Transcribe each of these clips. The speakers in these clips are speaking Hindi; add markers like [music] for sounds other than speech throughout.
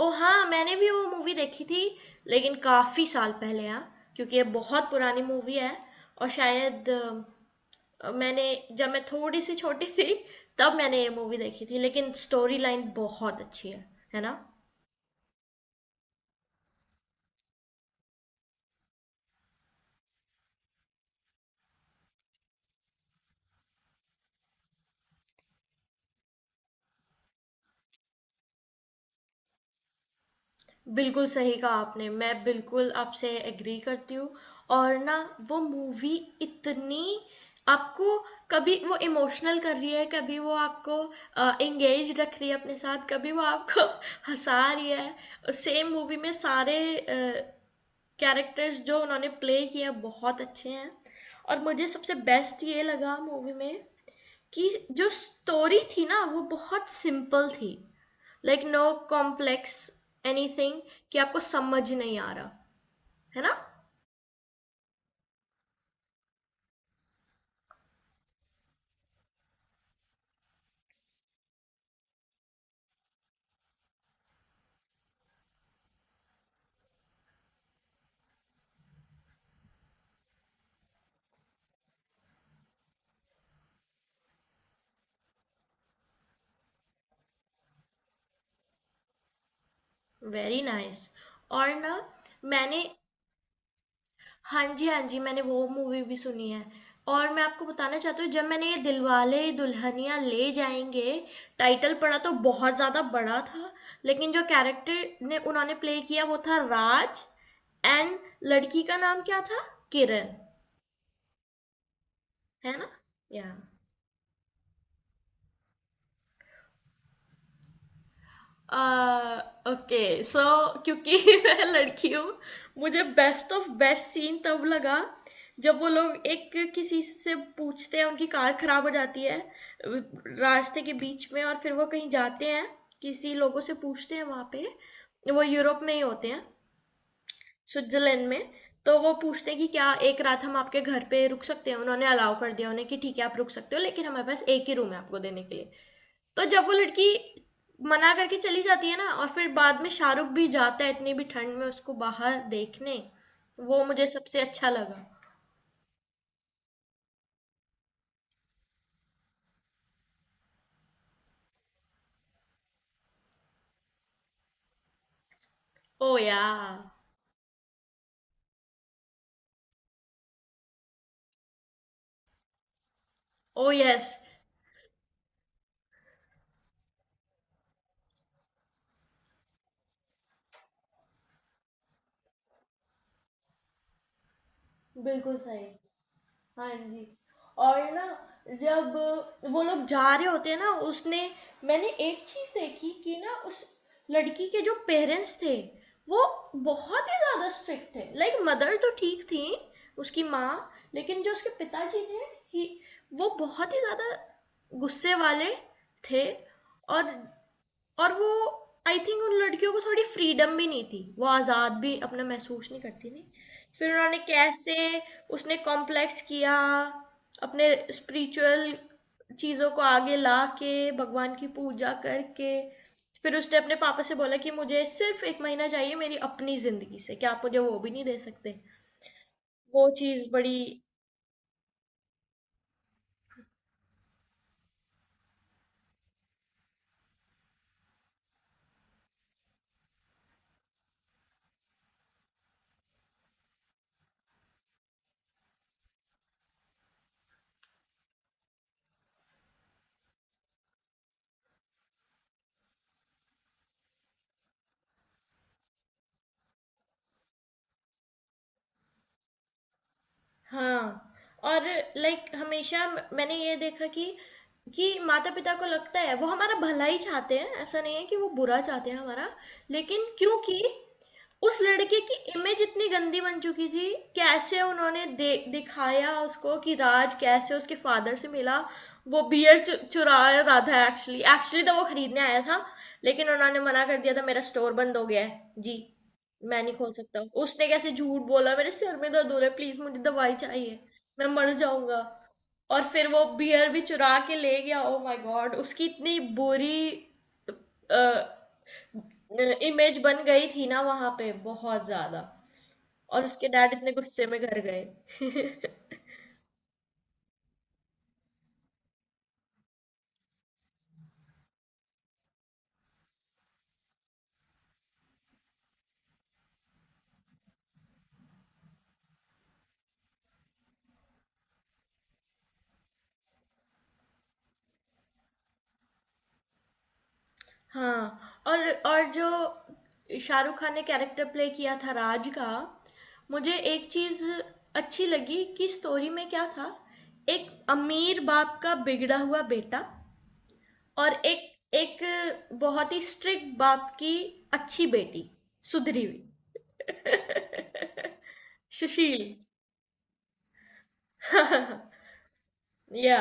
ओह हाँ, मैंने भी वो मूवी देखी थी। लेकिन काफ़ी साल पहले यार, क्योंकि ये बहुत पुरानी मूवी है। और शायद मैंने, जब मैं थोड़ी सी छोटी थी तब मैंने ये मूवी देखी थी। लेकिन स्टोरी लाइन बहुत अच्छी है ना। बिल्कुल सही कहा आपने। मैं बिल्कुल आपसे एग्री करती हूँ। और ना, वो मूवी इतनी आपको कभी वो इमोशनल कर रही है, कभी वो आपको एंगेज रख रही है अपने साथ, कभी वो आपको [laughs] हँसा रही है। सेम मूवी में सारे कैरेक्टर्स जो उन्होंने प्ले किए हैं बहुत अच्छे हैं। और मुझे सबसे बेस्ट ये लगा मूवी में कि जो स्टोरी थी ना वो बहुत सिंपल थी, लाइक नो कॉम्प्लेक्स एनीथिंग कि आपको समझ नहीं आ रहा, है ना। Very nice nice। और ना, मैंने, हाँ जी हाँ जी मैंने वो मूवी भी सुनी है। और मैं आपको बताना चाहती हूँ, जब मैंने ये दिलवाले दुल्हनिया ले जाएंगे टाइटल पढ़ा तो बहुत ज़्यादा बड़ा था। लेकिन जो कैरेक्टर ने उन्होंने प्ले किया वो था राज, एंड लड़की का नाम क्या था, किरण, है ना। या आ, ओके सो, क्योंकि [laughs] मैं लड़की हूँ, मुझे बेस्ट ऑफ बेस्ट सीन तब लगा जब वो लोग एक किसी से पूछते हैं, उनकी कार खराब हो जाती है रास्ते के बीच में और फिर वो कहीं जाते हैं, किसी लोगों से पूछते हैं वहाँ पे। वो यूरोप में ही होते हैं, स्विट्जरलैंड में। तो वो पूछते हैं कि क्या एक रात हम आपके घर पे रुक सकते हैं। उन्होंने अलाउ कर दिया उन्हें कि ठीक है आप रुक सकते हो, लेकिन हमारे पास एक ही रूम है आपको देने के लिए। तो जब वो लड़की मना करके चली जाती है ना, और फिर बाद में शाहरुख भी जाता है इतनी भी ठंड में उसको बाहर देखने, वो मुझे सबसे अच्छा लगा। ओ या। ओ यस, बिल्कुल सही। हाँ जी। और ना, जब वो लोग जा रहे होते हैं ना, उसने, मैंने एक चीज़ देखी कि ना, उस लड़की के जो पेरेंट्स थे वो बहुत ही ज़्यादा स्ट्रिक्ट थे। लाइक मदर तो ठीक थी, उसकी माँ, लेकिन जो उसके पिताजी थे ही वो बहुत ही ज़्यादा गुस्से वाले थे। और और वो, आई थिंक उन लड़कियों को थोड़ी फ्रीडम भी नहीं थी, वो आज़ाद भी अपना महसूस नहीं करती थी। फिर उन्होंने कैसे, उसने कॉम्प्लेक्स किया अपने स्पिरिचुअल चीज़ों को आगे ला के, भगवान की पूजा करके। फिर उसने अपने पापा से बोला कि मुझे सिर्फ एक महीना चाहिए मेरी अपनी ज़िंदगी से, क्या आप मुझे वो भी नहीं दे सकते। वो चीज़ बड़ी। हाँ, और लाइक हमेशा मैंने ये देखा कि माता-पिता को लगता है वो हमारा भला ही चाहते हैं, ऐसा नहीं है कि वो बुरा चाहते हैं हमारा। लेकिन क्योंकि उस लड़के की इमेज इतनी गंदी बन चुकी थी, कैसे उन्होंने दिखाया उसको कि राज कैसे उसके फादर से मिला। वो बियर चुरा रहा था एक्चुअली। एक्चुअली तो वो खरीदने आया था, लेकिन उन्होंने मना कर दिया था, मेरा स्टोर बंद हो गया है जी, मैं नहीं खोल सकता। उसने कैसे झूठ बोला, मेरे सिर में दर्द हो रहा है, प्लीज मुझे दवाई चाहिए, मैं मर जाऊंगा। और फिर वो बियर भी चुरा के ले गया। ओ माय गॉड, उसकी इतनी बुरी इमेज बन गई थी ना वहां पे, बहुत ज्यादा। और उसके डैड इतने गुस्से में घर गए। हाँ, और जो शाहरुख खान ने कैरेक्टर प्ले किया था राज का, मुझे एक चीज़ अच्छी लगी कि स्टोरी में क्या था, एक अमीर बाप का बिगड़ा हुआ बेटा, और एक एक बहुत ही स्ट्रिक्ट बाप की अच्छी बेटी, सुधरी हुई, सुशील, या।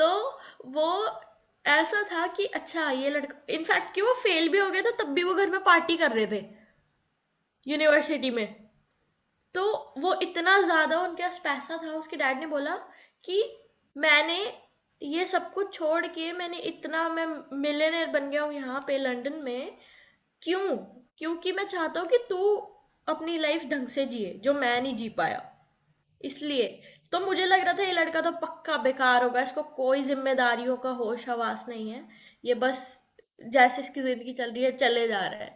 तो वो ऐसा था कि अच्छा ये लड़का इनफैक्ट कि वो फेल भी हो गया था, तब भी वो घर में पार्टी कर रहे थे, यूनिवर्सिटी में। तो वो इतना ज़्यादा उनके पास पैसा था। उसके डैड ने बोला कि मैंने ये सब कुछ छोड़ के, मैंने इतना, मैं मिलियनेयर बन गया हूँ यहाँ पे लंदन में, क्यों, क्योंकि मैं चाहता हूँ कि तू अपनी लाइफ ढंग से जिए जो मैं नहीं जी पाया, इसलिए। तो मुझे लग रहा था ये लड़का तो पक्का बेकार होगा, इसको कोई जिम्मेदारियों का होश हवास नहीं है, ये बस जैसे इसकी जिंदगी चल रही है चले जा रहा है।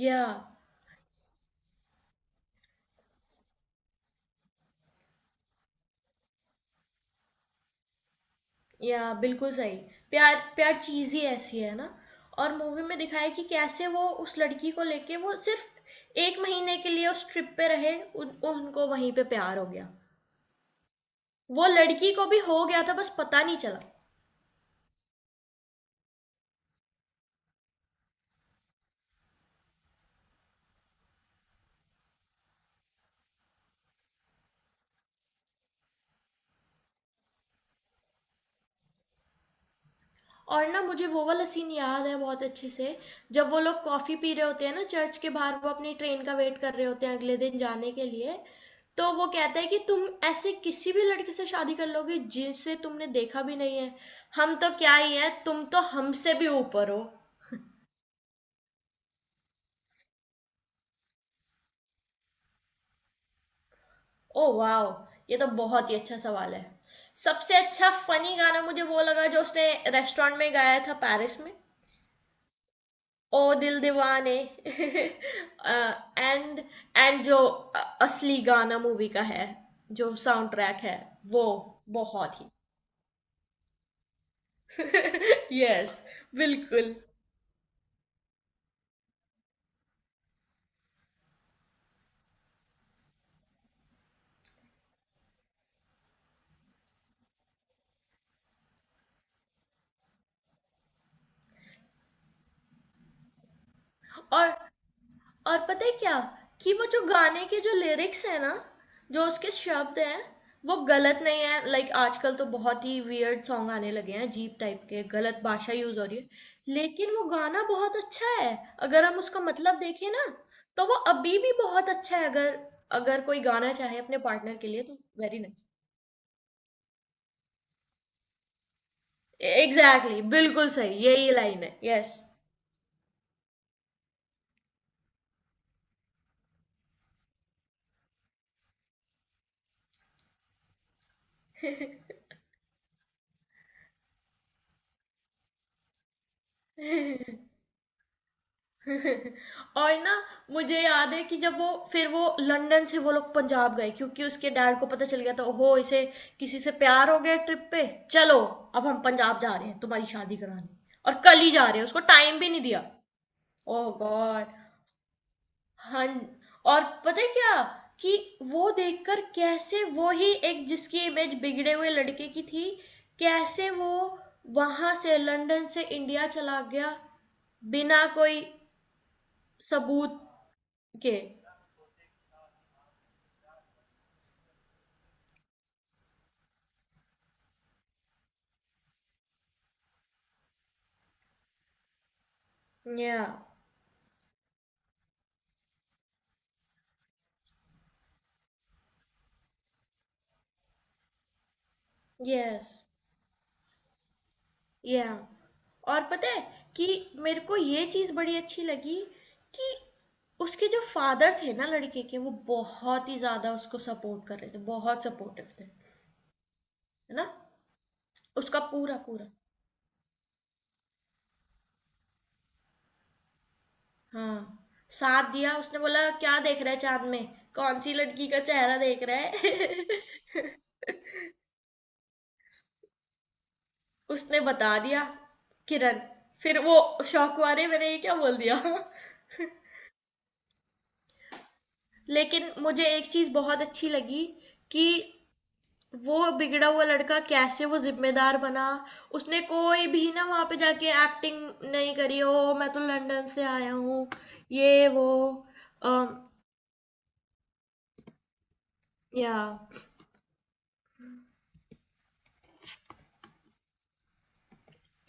या। या बिल्कुल सही। प्यार, प्यार चीज़ ही ऐसी है ना। और मूवी में दिखाया है कि कैसे वो उस लड़की को लेके वो सिर्फ़ 1 महीने के लिए उस ट्रिप पे रहे, उन उनको वहीं पे प्यार हो गया। वो लड़की को भी हो गया था, बस पता नहीं चला। और ना, मुझे वो वाला सीन याद है बहुत अच्छे से, जब वो लोग कॉफी पी रहे होते हैं ना, चर्च के बाहर वो अपनी ट्रेन का वेट कर रहे होते हैं अगले दिन जाने के लिए। तो वो कहता है कि तुम ऐसे किसी भी लड़के से शादी कर लोगे जिसे तुमने देखा भी नहीं है, हम तो क्या ही है, तुम तो हमसे भी ऊपर हो। ओ वाओ, ये तो बहुत ही अच्छा सवाल है। सबसे अच्छा फनी गाना मुझे वो लगा जो उसने रेस्टोरेंट में गाया था पेरिस में, ओ दिल दीवाने [laughs] एंड एंड जो असली गाना मूवी का है, जो साउंड ट्रैक है, वो बहुत ही। [laughs] यस yes, बिल्कुल। और और पता है क्या, कि वो जो गाने के जो लिरिक्स है ना, जो उसके शब्द हैं, वो गलत नहीं है। लाइक आजकल तो बहुत ही वियर्ड सॉन्ग आने लगे हैं अजीब टाइप के, गलत भाषा यूज हो रही है, लेकिन वो गाना बहुत अच्छा है। अगर हम उसका मतलब देखें ना, तो वो अभी भी बहुत अच्छा है, अगर अगर कोई गाना चाहे अपने पार्टनर के लिए तो। वेरी नाइस, एग्जैक्टली बिल्कुल सही, यही लाइन है, यस। [laughs] और ना, मुझे याद है कि जब वो फिर वो लंदन से वो लोग पंजाब गए क्योंकि उसके डैड को पता चल गया था, ओहो इसे किसी से प्यार हो गया, ट्रिप पे, चलो अब हम पंजाब जा रहे हैं तुम्हारी शादी कराने, और कल ही जा रहे हैं, उसको टाइम भी नहीं दिया। ओह गॉड। हाँ, और पता है क्या, कि वो देखकर कैसे वो ही एक जिसकी इमेज बिगड़े हुए लड़के की थी, कैसे वो वहां से लंदन से इंडिया चला गया बिना कोई सबूत के। या। यस। या। और पता है कि मेरे को ये चीज बड़ी अच्छी लगी कि उसके जो फादर थे ना लड़के के, वो बहुत ही ज्यादा उसको सपोर्ट कर रहे थे, बहुत सपोर्टिव थे, है ना। उसका पूरा पूरा हाँ साथ दिया। उसने बोला क्या देख रहा है चांद में, कौन सी लड़की का चेहरा देख रहा है। [laughs] उसने बता दिया, किरण, फिर वो शौक वाले मैंने ये क्या बोल दिया [laughs] लेकिन मुझे एक चीज बहुत अच्छी लगी कि वो बिगड़ा हुआ लड़का कैसे वो जिम्मेदार बना। उसने कोई भी ना वहाँ पे जाके एक्टिंग नहीं करी, ओ मैं तो लंदन से आया हूँ ये वो, या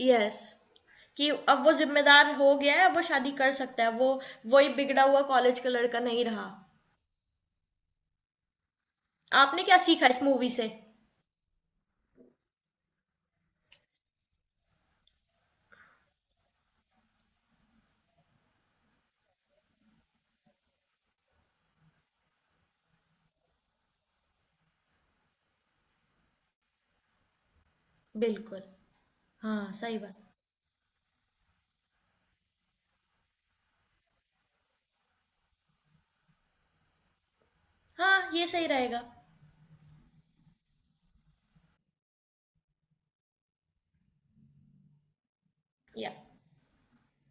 यस, कि अब वो जिम्मेदार हो गया है, अब वो शादी कर सकता है, वो वही बिगड़ा हुआ कॉलेज का लड़का नहीं रहा। आपने क्या सीखा इस मूवी से। बिल्कुल। हाँ सही बात। हाँ ये सही रहेगा। या।